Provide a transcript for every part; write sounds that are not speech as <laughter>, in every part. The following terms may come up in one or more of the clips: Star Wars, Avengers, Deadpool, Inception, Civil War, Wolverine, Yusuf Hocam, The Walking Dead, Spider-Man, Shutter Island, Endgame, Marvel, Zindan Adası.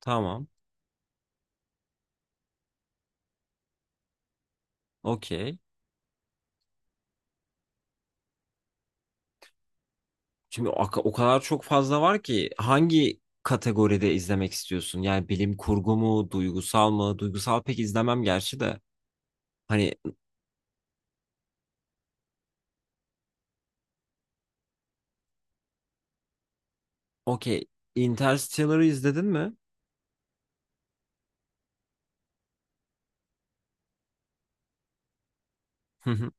Tamam. Okey. Şimdi o kadar çok fazla var ki hangi kategoride izlemek istiyorsun? Yani bilim kurgu mu, duygusal mı? Duygusal pek izlemem gerçi de. Hani okey. Interstellar'ı izledin mi? Hı hı.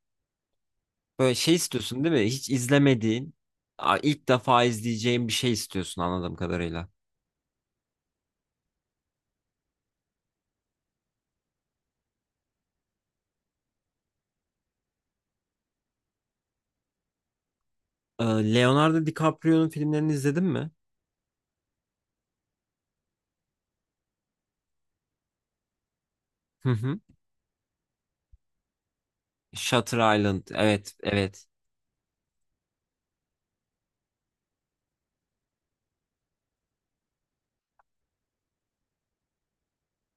Böyle şey istiyorsun değil mi? Hiç izlemediğin, ilk defa izleyeceğin bir şey istiyorsun anladığım kadarıyla. Ee, Leonardo DiCaprio'nun filmlerini izledin mi? Hı hı. Shutter Island. Evet, evet.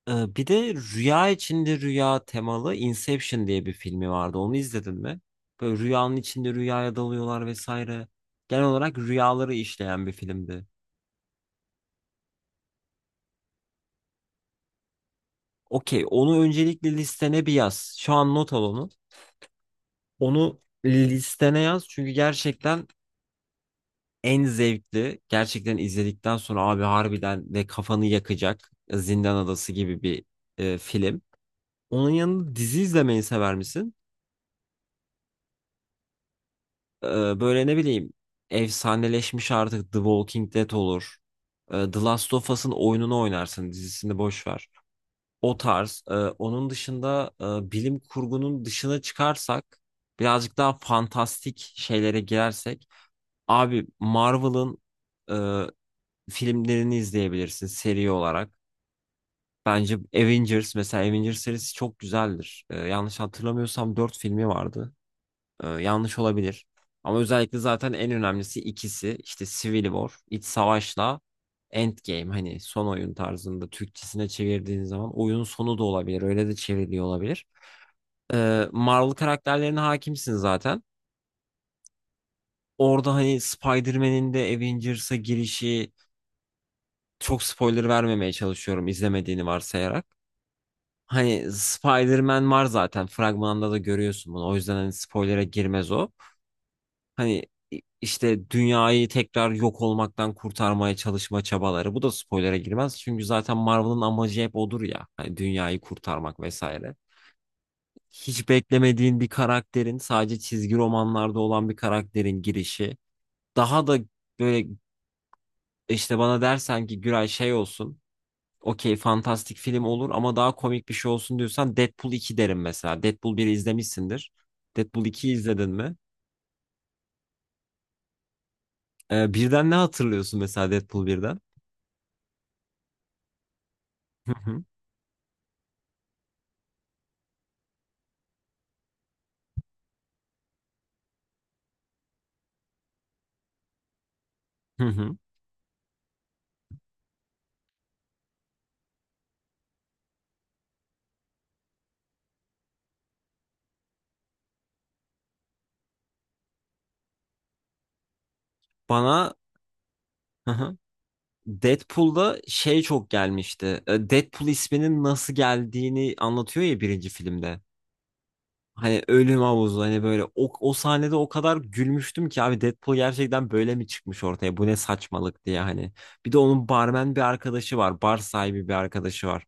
Bir de rüya içinde rüya temalı Inception diye bir filmi vardı. Onu izledin mi? Böyle rüyanın içinde rüyaya dalıyorlar vesaire. Genel olarak rüyaları işleyen bir filmdi. Okey, onu öncelikle listene bir yaz. Şu an not al onu. Onu listene yaz çünkü gerçekten en zevkli. Gerçekten izledikten sonra abi harbiden ve kafanı yakacak Zindan Adası gibi bir film. Onun yanında dizi izlemeyi sever misin? Böyle ne bileyim efsaneleşmiş artık The Walking Dead olur. The Last of Us'ın oyununu oynarsın dizisini boş ver. O tarz. Onun dışında bilim kurgunun dışına çıkarsak birazcık daha fantastik şeylere girersek abi Marvel'ın e, filmlerini izleyebilirsin seri olarak. Bence Avengers mesela Avengers serisi çok güzeldir. Yanlış hatırlamıyorsam 4 filmi vardı. Yanlış olabilir. Ama özellikle zaten en önemlisi ikisi işte Civil War, iç savaşla Endgame hani son oyun tarzında Türkçesine çevirdiğin zaman oyunun sonu da olabilir. Öyle de çevriliyor olabilir. Marvel karakterlerine hakimsin zaten. Orada hani Spider-Man'in de Avengers'a girişi çok spoiler vermemeye çalışıyorum izlemediğini varsayarak. Hani Spider-Man var zaten fragmanda da görüyorsun bunu. O yüzden hani spoilere girmez o. Hani işte dünyayı tekrar yok olmaktan kurtarmaya çalışma çabaları. Bu da spoilere girmez. Çünkü zaten Marvel'ın amacı hep odur ya. Hani dünyayı kurtarmak vesaire. Hiç beklemediğin bir karakterin sadece çizgi romanlarda olan bir karakterin girişi. Daha da böyle işte bana dersen ki Güray şey olsun. Okey fantastik film olur ama daha komik bir şey olsun diyorsan Deadpool 2 derim mesela. Deadpool 1'i izlemişsindir. Deadpool 2'yi izledin mi? Birden ne hatırlıyorsun mesela Deadpool birden? <laughs> Hı hı. Bana hı hı. Deadpool'da şey çok gelmişti. Deadpool isminin nasıl geldiğini anlatıyor ya birinci filmde. Hani ölüm havuzu hani böyle o sahnede o kadar gülmüştüm ki abi Deadpool gerçekten böyle mi çıkmış ortaya bu ne saçmalık diye hani. Bir de onun barmen bir arkadaşı var bar sahibi bir arkadaşı var.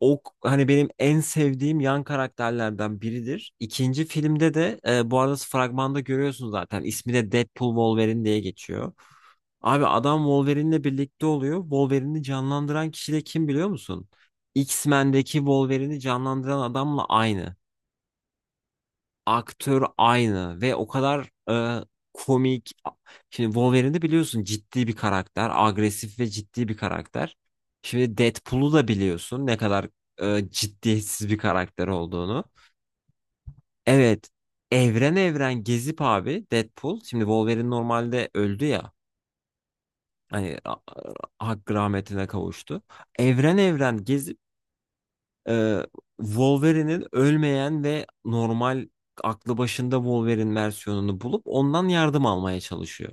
O hani benim en sevdiğim yan karakterlerden biridir. İkinci filmde de bu arada fragmanda görüyorsun zaten ismi de Deadpool Wolverine diye geçiyor. Abi adam Wolverine'le birlikte oluyor. Wolverine'i canlandıran kişi de kim biliyor musun? X-Men'deki Wolverine'i canlandıran adamla aynı. Aktör aynı ve o kadar komik. Şimdi Wolverine'i biliyorsun ciddi bir karakter. Agresif ve ciddi bir karakter. Şimdi Deadpool'u da biliyorsun ne kadar ciddiyetsiz bir karakter olduğunu. Evet. Evren evren gezip abi Deadpool. Şimdi Wolverine normalde öldü ya. Hani hakkı rahmetine kavuştu. Evren evren gezip e, Wolverine'in ölmeyen ve normal aklı başında Wolverine versiyonunu bulup ondan yardım almaya çalışıyor.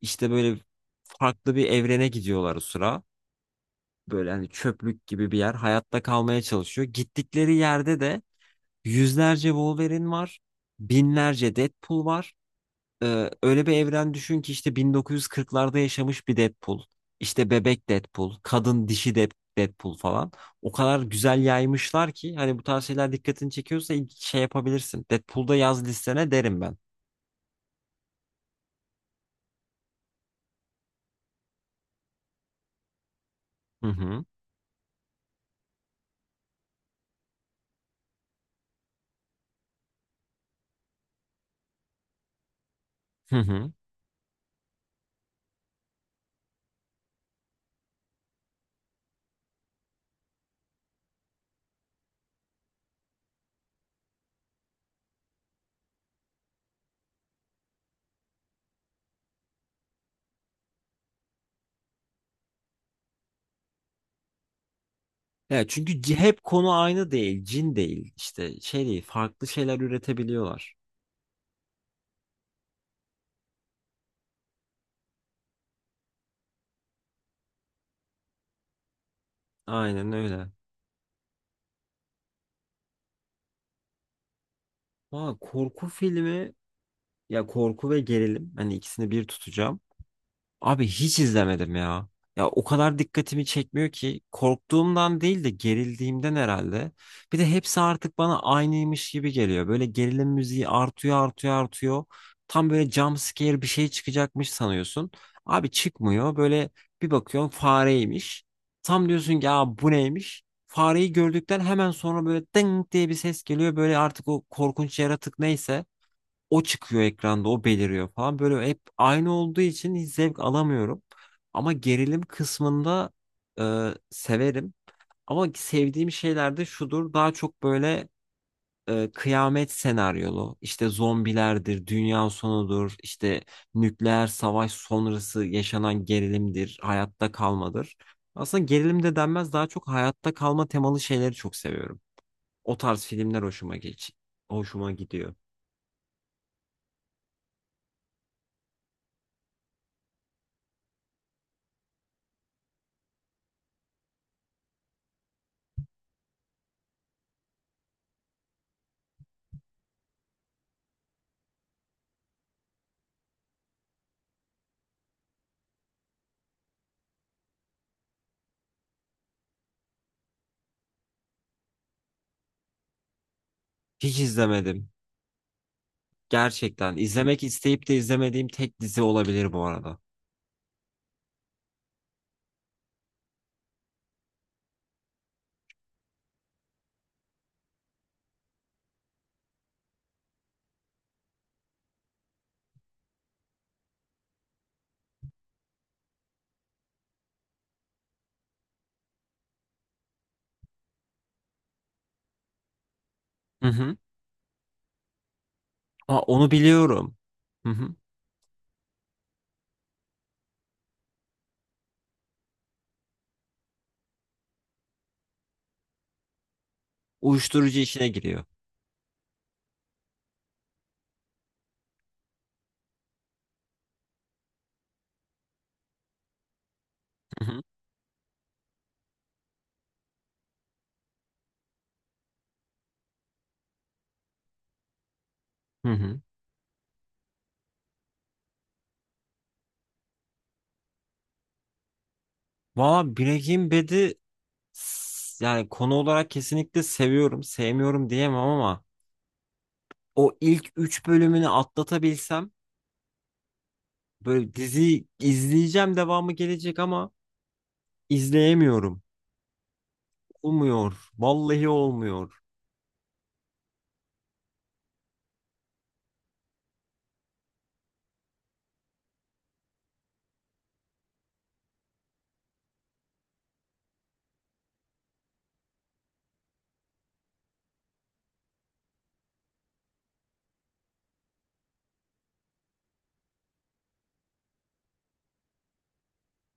İşte böyle farklı bir evrene gidiyorlar o sıra. Böyle hani çöplük gibi bir yer. Hayatta kalmaya çalışıyor. Gittikleri yerde de yüzlerce Wolverine var. Binlerce Deadpool var. Öyle bir evren düşün ki işte 1940'larda yaşamış bir Deadpool, işte bebek Deadpool, kadın dişi Deadpool falan. O kadar güzel yaymışlar ki hani bu tarz şeyler dikkatini çekiyorsa ilk şey yapabilirsin. Deadpool'da yaz listene derim ben. Hı hı. Hı hı. Ya çünkü hep konu aynı değil, cin değil, işte şey değil, farklı şeyler üretebiliyorlar. Aynen öyle. Valla korku filmi ya korku ve gerilim hani ikisini bir tutacağım. Abi hiç izlemedim ya. Ya o kadar dikkatimi çekmiyor ki korktuğumdan değil de gerildiğimden herhalde. Bir de hepsi artık bana aynıymış gibi geliyor. Böyle gerilim müziği artıyor artıyor artıyor. Tam böyle jump scare bir şey çıkacakmış sanıyorsun. Abi çıkmıyor. Böyle bir bakıyorsun fareymiş. Tam diyorsun ki ya bu neymiş? Fareyi gördükten hemen sonra böyle ding diye bir ses geliyor. Böyle artık o korkunç yaratık neyse o çıkıyor ekranda, o beliriyor falan. Böyle hep aynı olduğu için hiç zevk alamıyorum. Ama gerilim kısmında severim. Ama sevdiğim şeyler de şudur. Daha çok böyle kıyamet senaryolu, işte zombilerdir, dünya sonudur, işte nükleer savaş sonrası yaşanan gerilimdir, hayatta kalmadır. Aslında gerilim de denmez, daha çok hayatta kalma temalı şeyleri çok seviyorum. O tarz filmler hoşuma gidiyor. Hiç izlemedim. Gerçekten izlemek isteyip de izlemediğim tek dizi olabilir bu arada. Hı hı. Aa, onu biliyorum. Hı hı. Uyuşturucu işine giriyor. Hı hı. Hı hı. Valla Breaking Bad'i yani konu olarak kesinlikle seviyorum. Sevmiyorum diyemem ama o ilk 3 bölümünü atlatabilsem böyle dizi izleyeceğim devamı gelecek ama izleyemiyorum. Olmuyor. Vallahi olmuyor.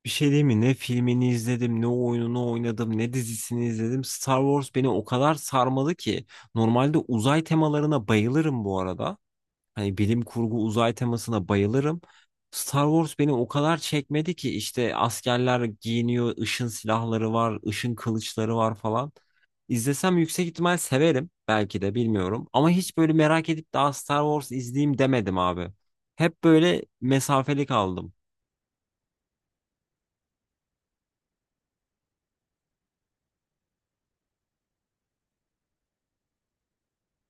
Bir şey diyeyim mi? Ne filmini izledim, ne oyununu oynadım, ne dizisini izledim. Star Wars beni o kadar sarmalı ki. Normalde uzay temalarına bayılırım bu arada. Hani bilim kurgu uzay temasına bayılırım. Star Wars beni o kadar çekmedi ki işte askerler giyiniyor, ışın silahları var, ışın kılıçları var falan. İzlesem yüksek ihtimal severim belki de bilmiyorum. Ama hiç böyle merak edip daha Star Wars izleyeyim demedim abi. Hep böyle mesafeli kaldım.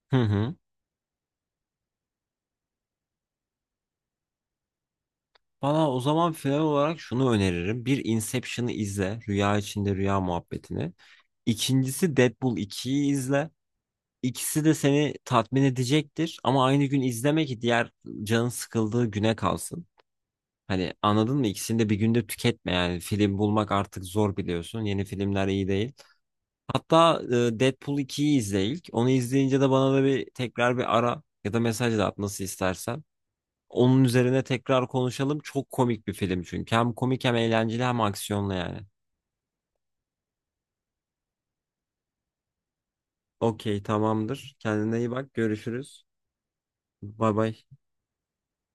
Hı hı. Bana o zaman final olarak şunu öneririm. Bir Inception'ı izle. Rüya içinde rüya muhabbetini. İkincisi Deadpool 2'yi izle. İkisi de seni tatmin edecektir. Ama aynı gün izleme ki diğer canın sıkıldığı güne kalsın. Hani anladın mı? İkisini de bir günde tüketme yani. Film bulmak artık zor biliyorsun. Yeni filmler iyi değil. Hatta Deadpool ikiyi izle ilk. Onu izleyince de bana da bir tekrar bir ara ya da mesaj da at nasıl istersen. Onun üzerine tekrar konuşalım. Çok komik bir film çünkü. Hem komik hem eğlenceli hem aksiyonlu yani. Okey tamamdır. Kendine iyi bak. Görüşürüz. Bay bay.